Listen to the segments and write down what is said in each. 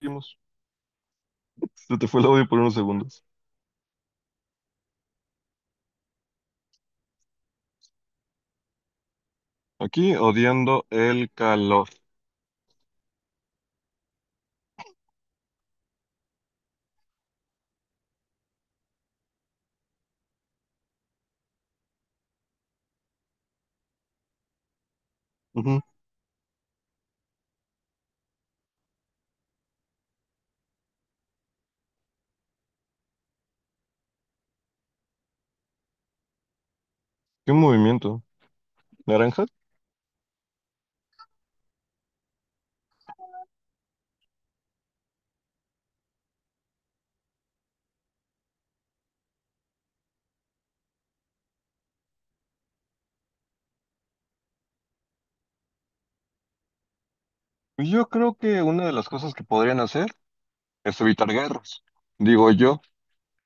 Seguimos. Se te fue el audio por unos segundos. Aquí odiando el calor. Ujú. ¿Qué movimiento? ¿Naranja? Pues yo creo que una de las cosas que podrían hacer es evitar guerras. Digo yo,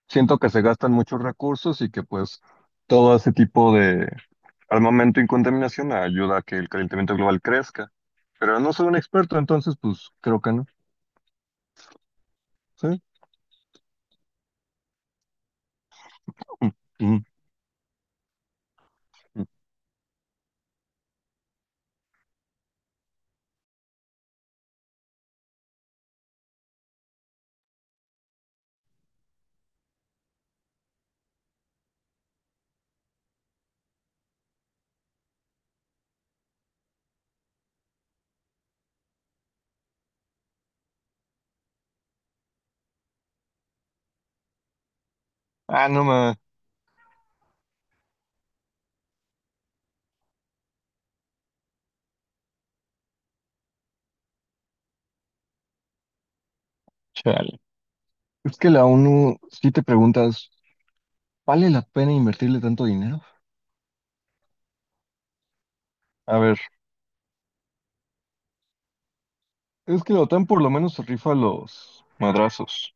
siento que se gastan muchos recursos y que pues todo ese tipo de armamento y contaminación ayuda a que el calentamiento global crezca. Pero no soy un experto, entonces pues creo que no. ¿Sí? Ujú. Ah, no ma. Chale. Es que la ONU, si te preguntas, ¿vale la pena invertirle tanto dinero? A ver, es que la OTAN por lo menos se rifa los madrazos.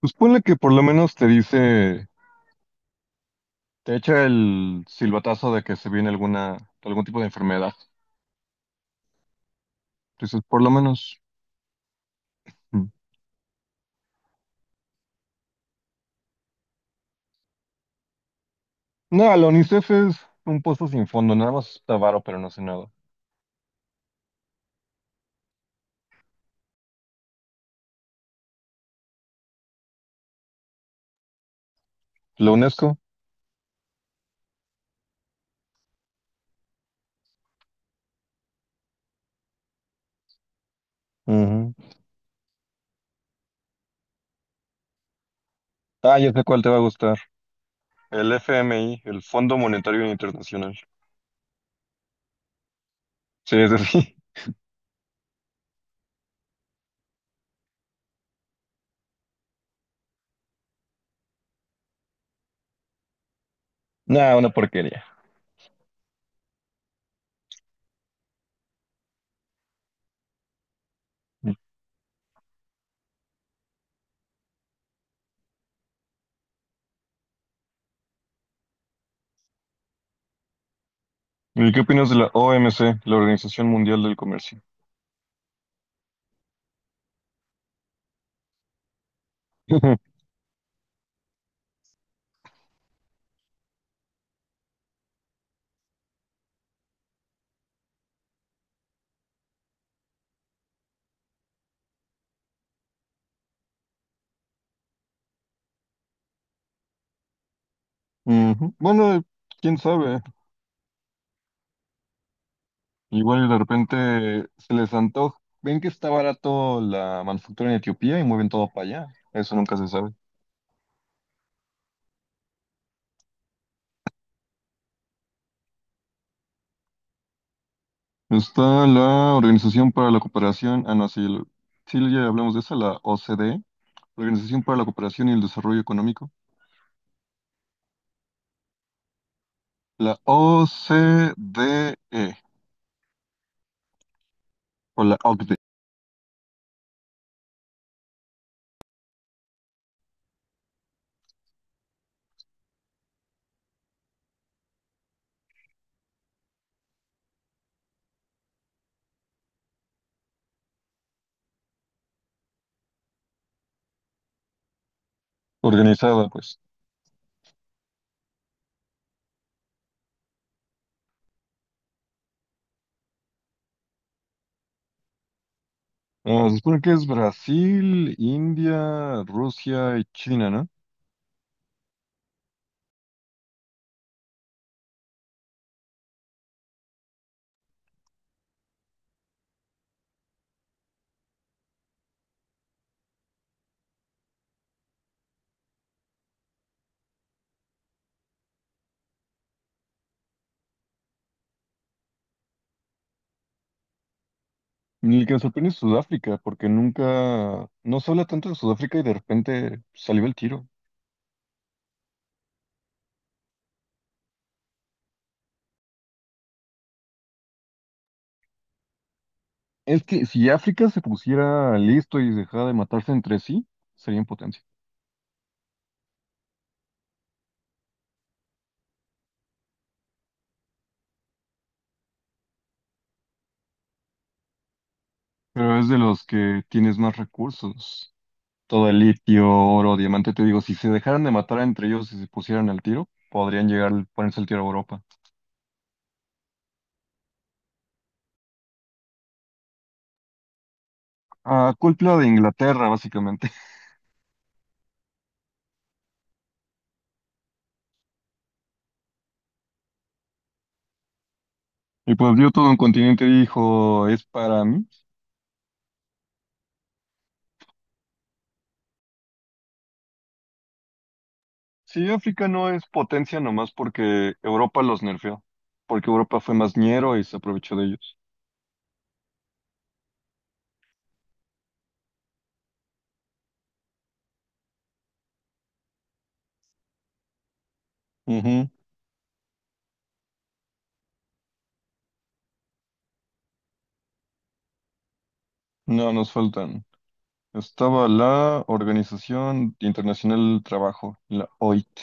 Pues ponle que por lo menos te dice, te echa el silbatazo de que se viene alguna, algún tipo de enfermedad. Entonces, por lo menos. Mm. No, la UNICEF es un pozo sin fondo, nada más está varo, pero no hace nada. La UNESCO. Ujú. Ah, ya sé cuál te va a gustar. El FMI, el Fondo Monetario Internacional. Sí, es así. Nah, una porquería. ¿Y qué opinas de la OMC, la Organización Mundial del Comercio? Ujú. Bueno, quién sabe. Igual y de repente se les antoja. Ven que está barato la manufactura en Etiopía y mueven todo para allá. Eso nunca se sabe. Está la Organización para la Cooperación. Ah, no, sí, sí ya hablamos de esa, la OCDE. La Organización para la Cooperación y el Desarrollo Económico. La OCDE, o la OCDE. Organizada, pues. Ah, se supone que es Brasil, India, Rusia y China, ¿no? El que me sorprende es Sudáfrica, porque nunca, no se habla tanto de Sudáfrica y de repente salió el tiro. Es que si África se pusiera listo y dejara de matarse entre sí, sería en potencia. Pero es de los que tienes más recursos. Todo el litio, oro, diamante, te digo, si se dejaran de matar entre ellos y se pusieran al tiro, podrían llegar a ponerse el tiro a Europa. Ah, culpa de Inglaterra, básicamente. Y pues vio todo un continente y dijo, es para mí. Sí, África no es potencia nomás porque Europa los nerfeó, porque Europa fue más ñero y se aprovechó de ellos. Ujú. No, nos faltan. Estaba la Organización Internacional del Trabajo, la OIT.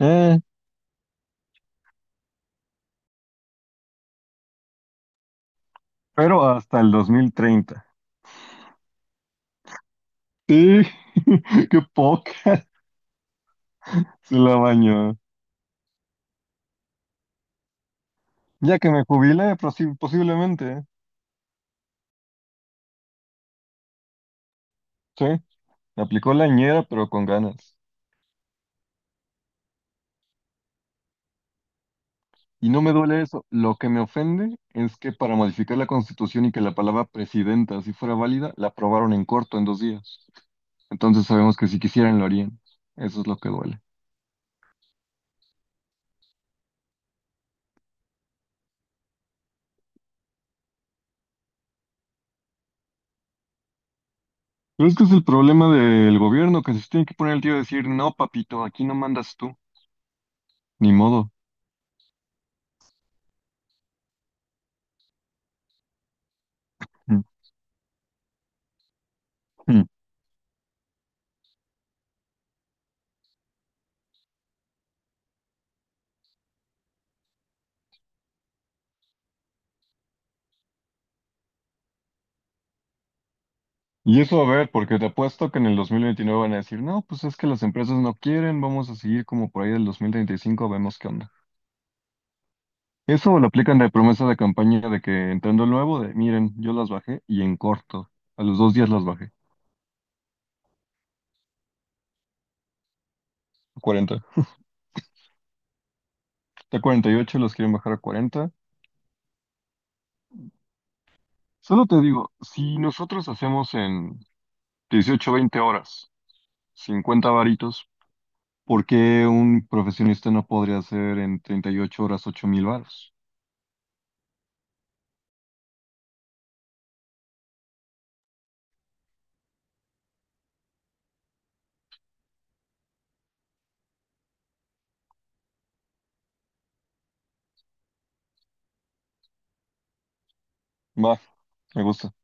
Eh, pero hasta el 2030. Sí, qué poca. Se la bañó. Ya que me jubile, posiblemente. ¿Eh? Sí, me aplicó la ñera, pero con ganas. Y no me duele eso. Lo que me ofende es que para modificar la Constitución y que la palabra presidenta, así fuera válida, la aprobaron en corto, en dos días. Entonces sabemos que si quisieran lo harían. Eso es lo que duele. Pero es que es el problema del gobierno, que se tiene que poner el tío a decir, no, papito, aquí no mandas tú. Ni modo. Mm, mm. Y eso a ver, porque te apuesto que en el 2029 van a decir, no, pues es que las empresas no quieren, vamos a seguir como por ahí del 2035, vemos qué onda. Eso me lo aplican de promesa de campaña de que entrando nuevo, de miren, yo las bajé y en corto. A los dos días las bajé. A 40. De 48 los quieren bajar a 40. Solo te digo, si nosotros hacemos en 18, 20 horas, 50 varitos, ¿por qué un profesionista no podría hacer en 38 horas 8 mil varos? Va, me gusta.